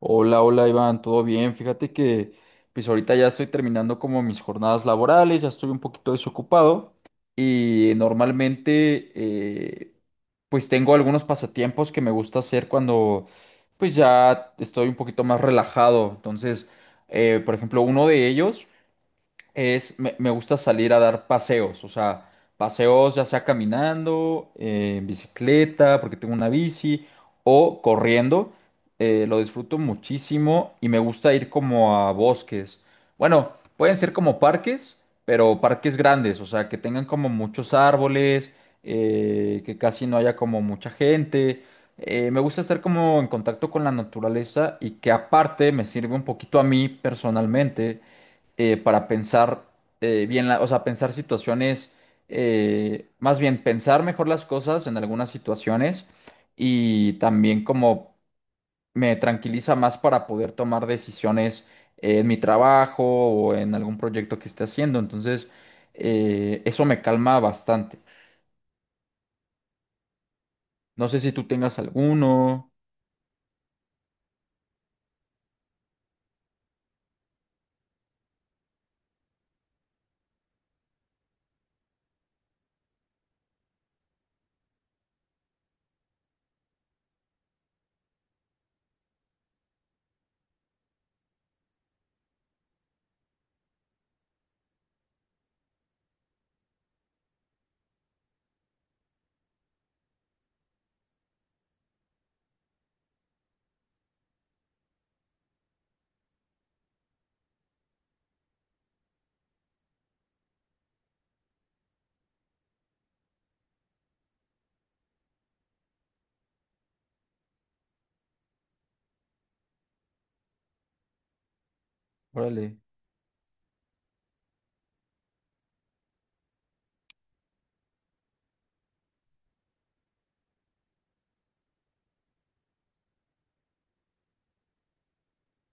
Hola, hola Iván, ¿todo bien? Fíjate que pues ahorita ya estoy terminando como mis jornadas laborales. Ya estoy un poquito desocupado y normalmente pues tengo algunos pasatiempos que me gusta hacer cuando pues ya estoy un poquito más relajado. Entonces, por ejemplo, uno de ellos es, me gusta salir a dar paseos, o sea, paseos ya sea caminando, en bicicleta, porque tengo una bici, o corriendo, lo disfruto muchísimo y me gusta ir como a bosques. Bueno, pueden ser como parques, pero parques grandes, o sea, que tengan como muchos árboles, que casi no haya como mucha gente. Me gusta estar como en contacto con la naturaleza y que aparte me sirve un poquito a mí personalmente para pensar bien, o sea, pensar situaciones, más bien pensar mejor las cosas en algunas situaciones y también como me tranquiliza más para poder tomar decisiones en mi trabajo o en algún proyecto que esté haciendo. Entonces, eso me calma bastante. No sé si tú tengas alguno. Órale.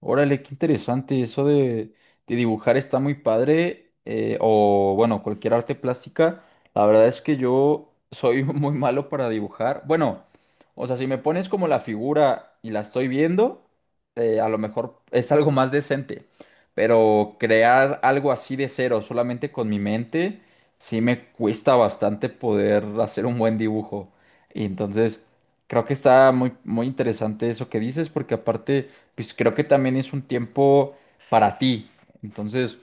Órale, qué interesante. Eso de dibujar está muy padre. O bueno, cualquier arte plástica. La verdad es que yo soy muy malo para dibujar. Bueno, o sea, si me pones como la figura y la estoy viendo, a lo mejor es algo más decente. Pero crear algo así de cero, solamente con mi mente, sí me cuesta bastante poder hacer un buen dibujo. Y entonces, creo que está muy, muy interesante eso que dices, porque aparte pues creo que también es un tiempo para ti. Entonces,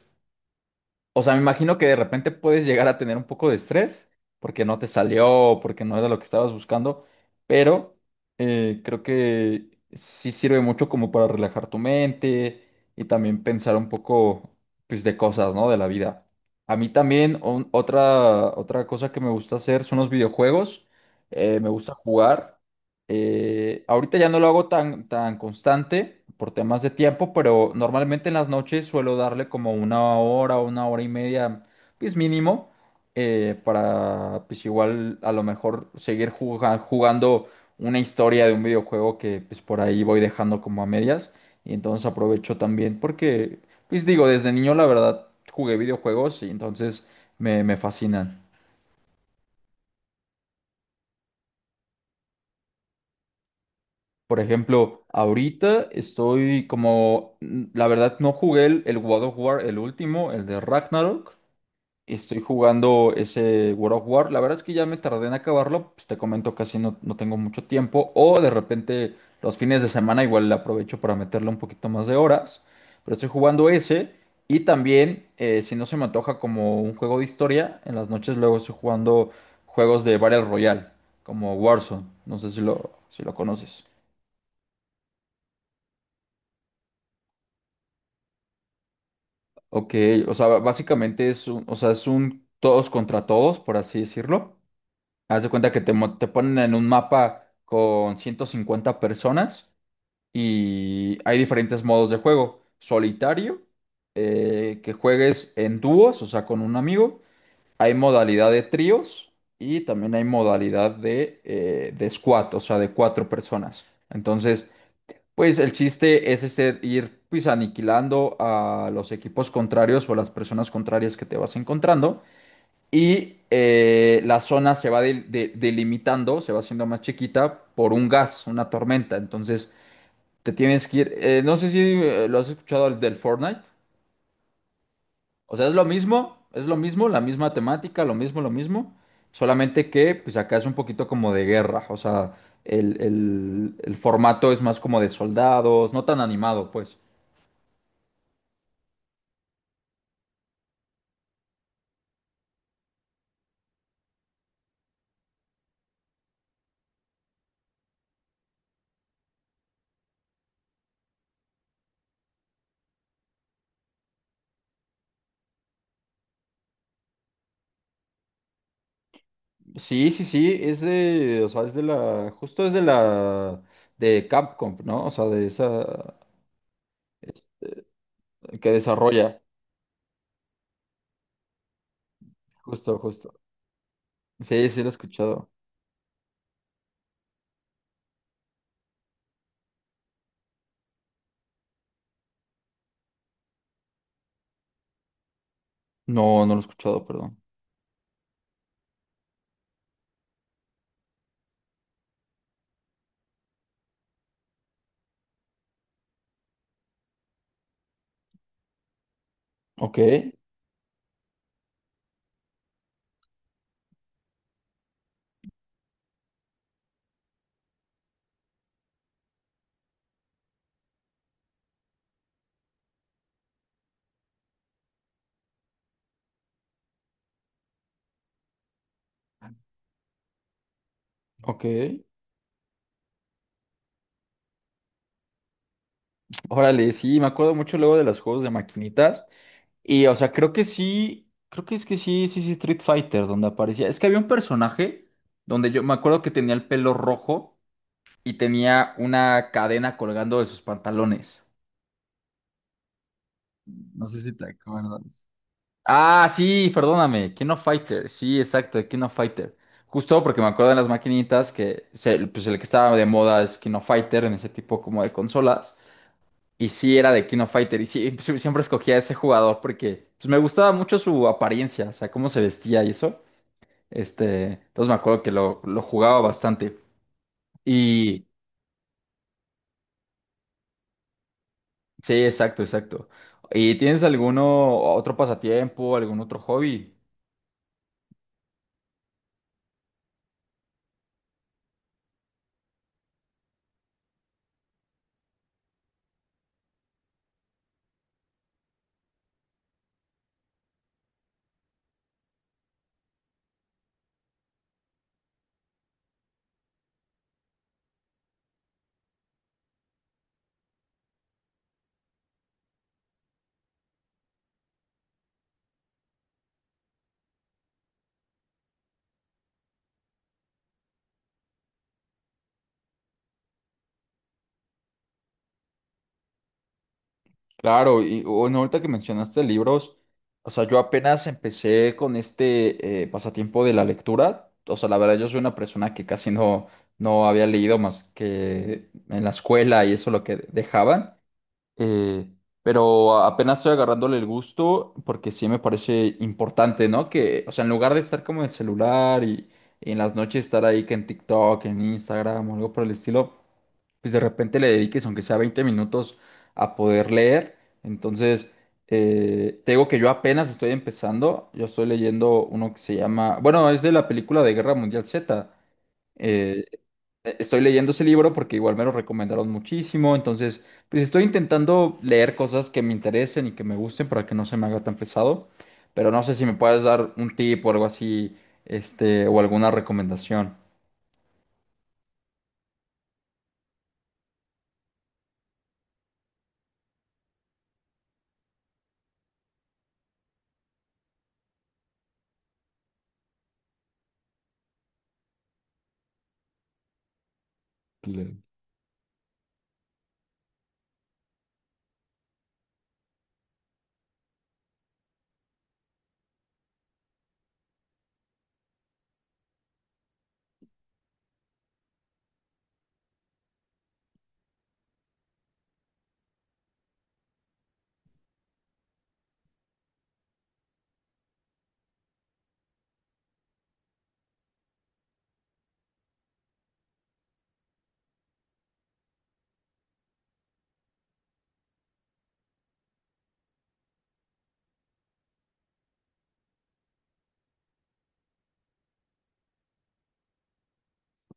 o sea, me imagino que de repente puedes llegar a tener un poco de estrés porque no te salió, o porque no era lo que estabas buscando, pero creo que sí sirve mucho como para relajar tu mente y también pensar un poco, pues, de cosas, ¿no? De la vida. A mí también otra, otra cosa que me gusta hacer son los videojuegos. Me gusta jugar. Ahorita ya no lo hago tan, tan constante por temas de tiempo, pero normalmente en las noches suelo darle como una hora o una hora y media, pues mínimo, para pues igual a lo mejor seguir jugando una historia de un videojuego que pues por ahí voy dejando como a medias. Y entonces aprovecho también porque, pues digo, desde niño la verdad jugué videojuegos y entonces me fascinan. Por ejemplo, ahorita estoy como, la verdad no jugué el God of War, el último, el de Ragnarok. Estoy jugando ese God of War. La verdad es que ya me tardé en acabarlo, pues te comento, casi no, no tengo mucho tiempo. O de repente los fines de semana igual le aprovecho para meterle un poquito más de horas. Pero estoy jugando ese. Y también, si no se me antoja como un juego de historia, en las noches luego estoy jugando juegos de Battle Royale, como Warzone. No sé si si lo conoces. Ok, o sea, básicamente es un, o sea, es un todos contra todos, por así decirlo. Haz de cuenta que te ponen en un mapa con 150 personas y hay diferentes modos de juego. Solitario, que juegues en dúos, o sea, con un amigo. Hay modalidad de tríos y también hay modalidad de squad, o sea, de 4 personas. Entonces, pues el chiste es este, ir pues aniquilando a los equipos contrarios o a las personas contrarias que te vas encontrando y la zona se va delimitando, se va haciendo más chiquita por un gas, una tormenta. Entonces te tienes que ir, no sé si lo has escuchado el del Fortnite, o sea, es lo mismo, la misma temática, lo mismo, solamente que pues acá es un poquito como de guerra, o sea, el formato es más como de soldados, no tan animado pues. Sí, sí, sí, es de, o sea, es de la, justo es de la, de Capcom, ¿no? O sea, de esa, es- que desarrolla, justo, justo. Sí, sí, lo he escuchado. No, no lo he escuchado, perdón. Ok, ok. Órale, sí, me acuerdo mucho luego de los juegos de maquinitas. Y, o sea, creo que sí, creo que es que sí, sí, sí, Street Fighter, donde aparecía. Es que había un personaje donde yo me acuerdo que tenía el pelo rojo y tenía una cadena colgando de sus pantalones. No sé si te acuerdas. Ah, sí, perdóname, King of Fighter, sí, exacto, de King of Fighter. Justo porque me acuerdo de las maquinitas pues el que estaba de moda es King of Fighter en ese tipo como de consolas. Y sí era de King of Fighter y sí, sí, siempre escogía a ese jugador porque pues, me gustaba mucho su apariencia, o sea, cómo se vestía y eso. Este, entonces me acuerdo que lo jugaba bastante. Y sí, exacto, exacto. ¿Y tienes alguno otro pasatiempo, algún otro hobby? Claro, y bueno, ahorita que mencionaste libros, o sea, yo apenas empecé con este pasatiempo de la lectura. O sea, la verdad, yo soy una persona que casi no, no había leído más que en la escuela y eso lo que dejaban. Eh, pero apenas estoy agarrándole el gusto porque sí me parece importante, ¿no? Que, o sea, en lugar de estar como en el celular y en las noches estar ahí que en TikTok, en Instagram o algo por el estilo, pues de repente le dediques, aunque sea 20 minutos, a poder leer. Entonces, te digo que yo apenas estoy empezando. Yo estoy leyendo uno que se llama, bueno, es de la película de Guerra Mundial Z. eh, Estoy leyendo ese libro porque igual me lo recomendaron muchísimo, entonces pues estoy intentando leer cosas que me interesen y que me gusten para que no se me haga tan pesado, pero no sé si me puedes dar un tip o algo así, este, o alguna recomendación. Claro.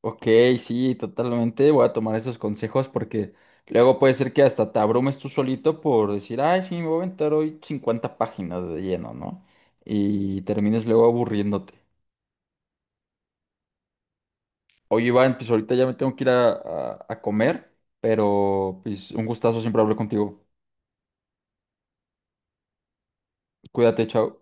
Ok, sí, totalmente. Voy a tomar esos consejos porque luego puede ser que hasta te abrumes tú solito por decir, ay, sí, me voy a aventar hoy 50 páginas de lleno, ¿no? Y termines luego aburriéndote. Oye, Iván, pues ahorita ya me tengo que ir a comer, pero pues un gustazo siempre hablar contigo. Cuídate, chao.